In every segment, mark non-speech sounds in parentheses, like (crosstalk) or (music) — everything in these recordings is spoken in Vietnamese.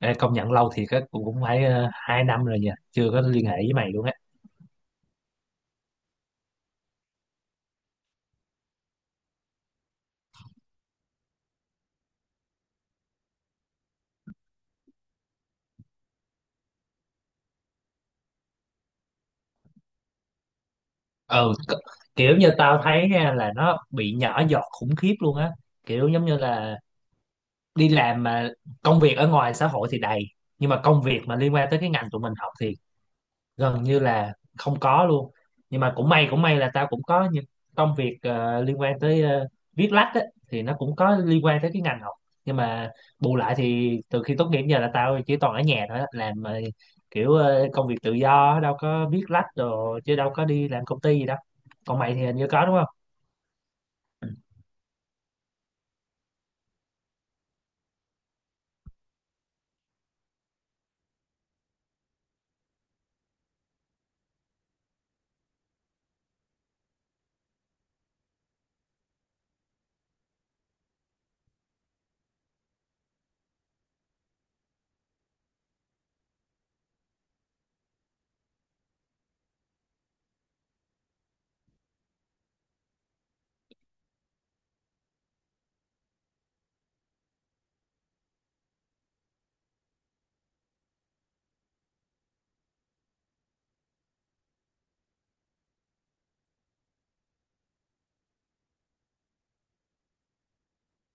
Ê, công nhận lâu thiệt á cũng cũng phải 2 năm rồi nha, chưa có liên hệ với mày luôn á. ừ c- Kiểu như tao thấy nha là nó bị nhỏ giọt khủng khiếp luôn á. Kiểu giống như là đi làm mà công việc ở ngoài xã hội thì đầy, nhưng mà công việc mà liên quan tới cái ngành tụi mình học thì gần như là không có luôn. Nhưng mà cũng may là tao cũng có những công việc liên quan tới viết lách á, thì nó cũng có liên quan tới cái ngành học. Nhưng mà bù lại thì từ khi tốt nghiệp đến giờ là tao chỉ toàn ở nhà thôi á, làm kiểu công việc tự do, đâu có viết lách đồ chứ đâu có đi làm công ty gì đâu. Còn mày thì hình như có, đúng không?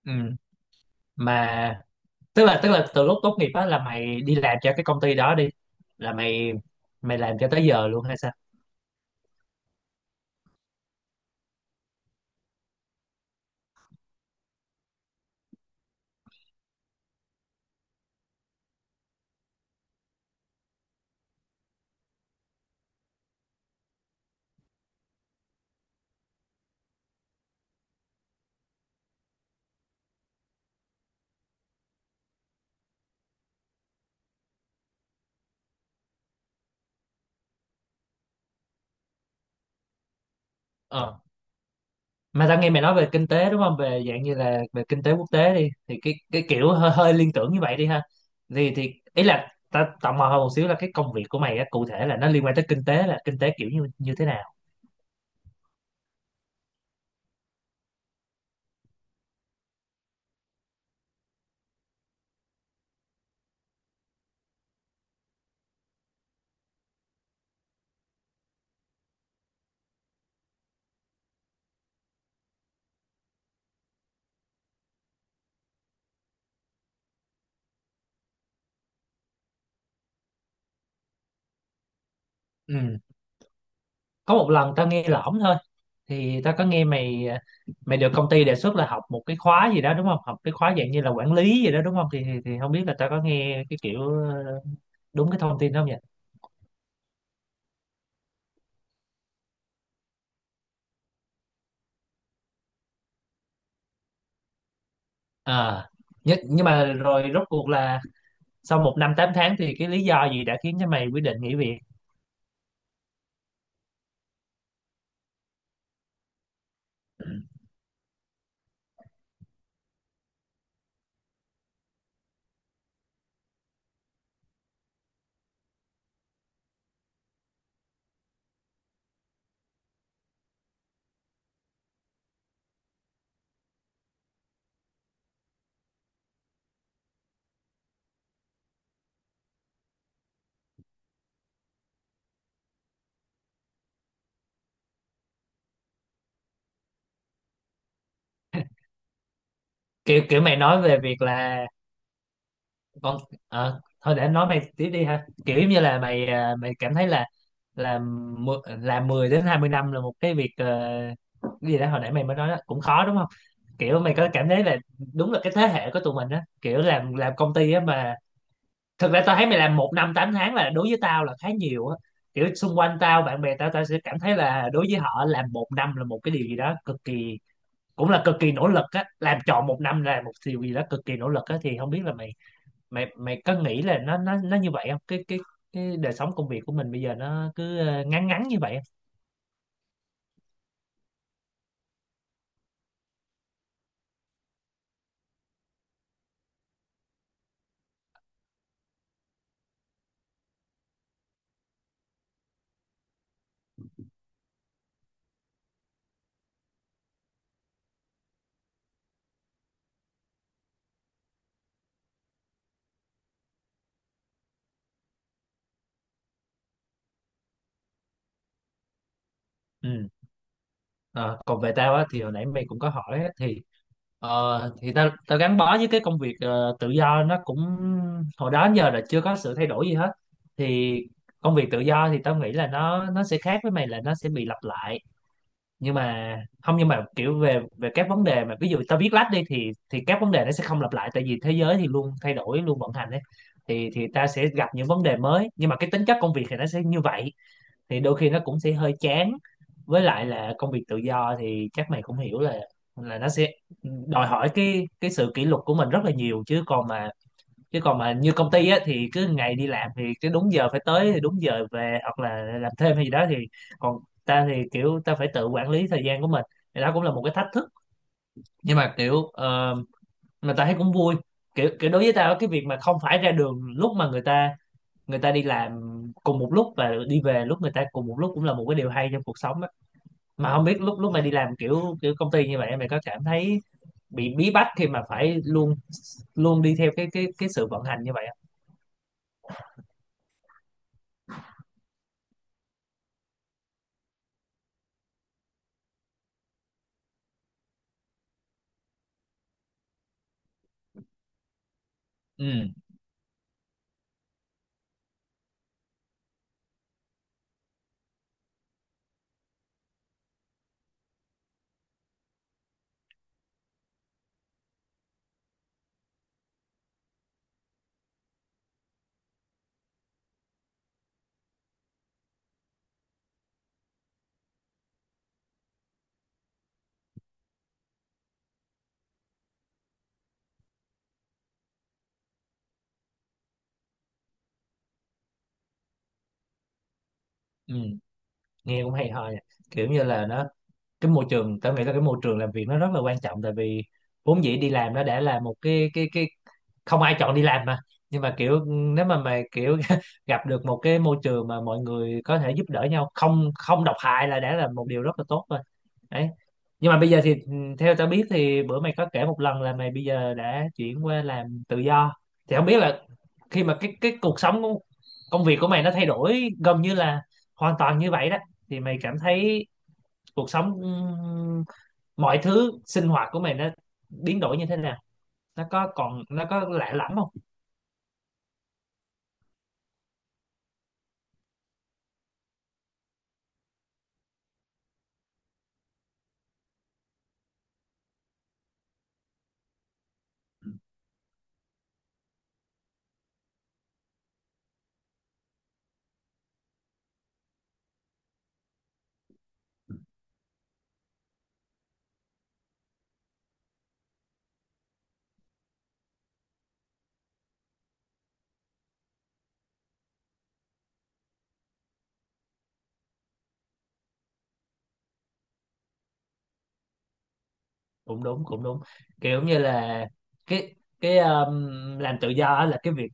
Ừ. Mà tức là từ lúc tốt nghiệp á là mày đi làm cho cái công ty đó đi, là mày mày làm cho tới giờ luôn hay sao? Mà tao nghe mày nói về kinh tế, đúng không, về dạng như là về kinh tế quốc tế đi, thì cái kiểu hơi liên tưởng như vậy đi ha. Thì ý là tao tò mò hơn một xíu là cái công việc của mày á, cụ thể là nó liên quan tới kinh tế, là kinh tế kiểu như như thế nào? Ừ. Có một lần tao nghe lỏm thôi, thì tao có nghe mày, mày được công ty đề xuất là học một cái khóa gì đó, đúng không, học cái khóa dạng như là quản lý gì đó, đúng không, thì không biết là tao có nghe cái kiểu đúng cái thông tin đó không vậy? À, nhưng mà rồi rốt cuộc là sau 1 năm 8 tháng thì cái lý do gì đã khiến cho mày quyết định nghỉ việc? Kiểu kiểu mày nói về việc là con thôi để anh nói, mày tiếp đi ha. Kiểu giống như là mày, à, mày cảm thấy là là là 10 đến 20 năm là một cái việc, cái gì đó hồi nãy mày mới nói đó, cũng khó đúng không? Kiểu mày có cảm thấy là đúng là cái thế hệ của tụi mình á, kiểu làm công ty á, mà thực ra tao thấy mày làm 1 năm 8 tháng là đối với tao là khá nhiều á. Kiểu xung quanh tao bạn bè tao tao sẽ cảm thấy là đối với họ làm 1 năm là một cái điều gì đó cực kỳ, cũng là cực kỳ nỗ lực á, làm trọn 1 năm là một điều gì đó cực kỳ nỗ lực á. Thì không biết là mày, mày có nghĩ là nó như vậy không, cái đời sống công việc của mình bây giờ nó cứ ngắn ngắn như vậy không? Ừ. Ờ, còn về tao á thì hồi nãy mày cũng có hỏi á, thì thì tao tao gắn bó với cái công việc tự do, nó cũng hồi đó đến giờ là chưa có sự thay đổi gì hết. Thì công việc tự do thì tao nghĩ là nó sẽ khác với mày là nó sẽ bị lặp lại. Nhưng mà không, nhưng mà kiểu về về các vấn đề mà ví dụ tao viết lách đi, thì các vấn đề nó sẽ không lặp lại tại vì thế giới thì luôn thay đổi, luôn vận hành ấy. Thì ta sẽ gặp những vấn đề mới nhưng mà cái tính chất công việc thì nó sẽ như vậy, thì đôi khi nó cũng sẽ hơi chán. Với lại là công việc tự do thì chắc mày cũng hiểu là nó sẽ đòi hỏi cái sự kỷ luật của mình rất là nhiều, chứ còn mà như công ty á thì cứ ngày đi làm thì cái đúng giờ phải tới thì đúng giờ về hoặc là làm thêm hay gì đó thì, còn ta thì kiểu ta phải tự quản lý thời gian của mình, thì đó cũng là một cái thách thức. Nhưng mà kiểu mà ta thấy cũng vui. Kiểu kiểu đối với tao cái việc mà không phải ra đường lúc mà người ta đi làm cùng một lúc và đi về lúc người ta cùng một lúc cũng là một cái điều hay trong cuộc sống á. Mà không biết lúc lúc mày đi làm kiểu kiểu công ty như vậy mày có cảm thấy bị bí bách khi mà phải luôn luôn đi theo cái sự vận hành như vậy không? Ừ, ừ, nghe cũng hay ho nha. Kiểu như là nó, cái môi trường, tao nghĩ là cái môi trường làm việc nó rất là quan trọng, tại vì vốn dĩ đi làm nó đã là một cái... không ai chọn đi làm mà, nhưng mà kiểu nếu mà mày kiểu (laughs) gặp được một cái môi trường mà mọi người có thể giúp đỡ nhau, không không độc hại là đã là một điều rất là tốt rồi đấy. Nhưng mà bây giờ thì theo tao biết thì bữa mày có kể một lần là mày bây giờ đã chuyển qua làm tự do, thì không biết là khi mà cái cuộc sống của công việc của mày nó thay đổi gần như là hoàn toàn như vậy đó, thì mày cảm thấy cuộc sống, mọi thứ sinh hoạt của mày nó biến đổi như thế nào, nó có còn, nó có lạ lẫm không? Cũng đúng, cũng đúng. Kiểu như là cái cái làm tự do á là cái việc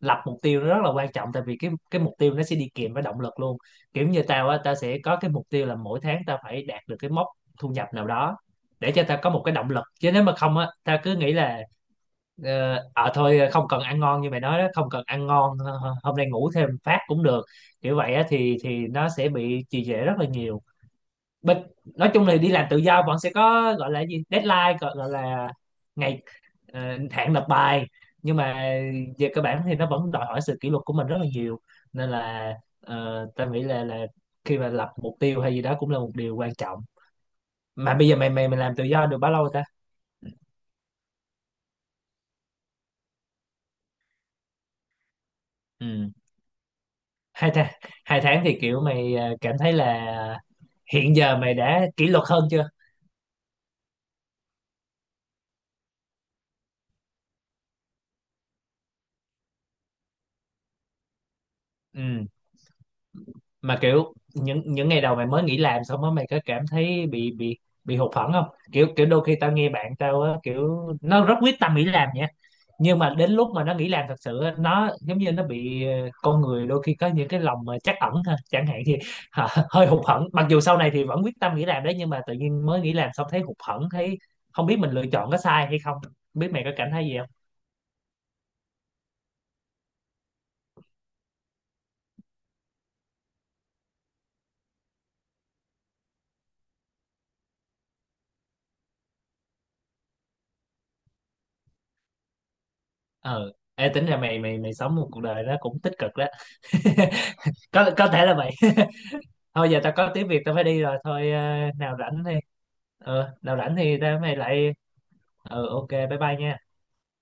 lập mục tiêu nó rất là quan trọng, tại vì cái mục tiêu nó sẽ đi kèm với động lực luôn. Kiểu như tao á, tao sẽ có cái mục tiêu là mỗi tháng tao phải đạt được cái mốc thu nhập nào đó, để cho tao có một cái động lực, chứ nếu mà không á tao cứ nghĩ là thôi không cần ăn ngon như mày nói đó, không cần ăn ngon, hôm nay ngủ thêm phát cũng được. Kiểu vậy á thì nó sẽ bị trì trệ rất là nhiều. Bên, nói chung là đi làm tự do bọn sẽ có gọi là gì, deadline, gọi là ngày, hạn nộp bài. Nhưng mà về cơ bản thì nó vẫn đòi hỏi sự kỷ luật của mình rất là nhiều, nên là tao nghĩ là khi mà lập mục tiêu hay gì đó cũng là một điều quan trọng. Mà bây giờ mày, mày làm tự do được bao lâu ta? Ừ. 2 tháng. 2 tháng thì kiểu mày cảm thấy là hiện giờ mày đã kỷ luật hơn chưa? Ừ. Mà kiểu những ngày đầu mày mới nghỉ làm xong á, mày có cảm thấy bị, bị hụt hẫng không? Kiểu kiểu đôi khi tao nghe bạn tao á, kiểu nó rất quyết tâm nghỉ làm nha, nhưng mà đến lúc mà nó nghỉ làm thật sự á, nó giống như nó bị con người đôi khi có những cái lòng mà trắc ẩn ha chẳng hạn, thì (laughs) hả, hơi hụt hẫng, mặc dù sau này thì vẫn quyết tâm nghỉ làm đấy, nhưng mà tự nhiên mới nghỉ làm xong thấy hụt hẫng, thấy không biết mình lựa chọn có sai hay không. Không biết mày có cảm thấy gì không? Ờ Ê, tính ra mày, mày sống một cuộc đời nó cũng tích cực đó. (laughs) Có thể là vậy. Thôi giờ tao có tiếng Việt tao phải đi rồi. Thôi nào rảnh thì nào rảnh thì tao mày lại. Ờ, OK, bye bye nha.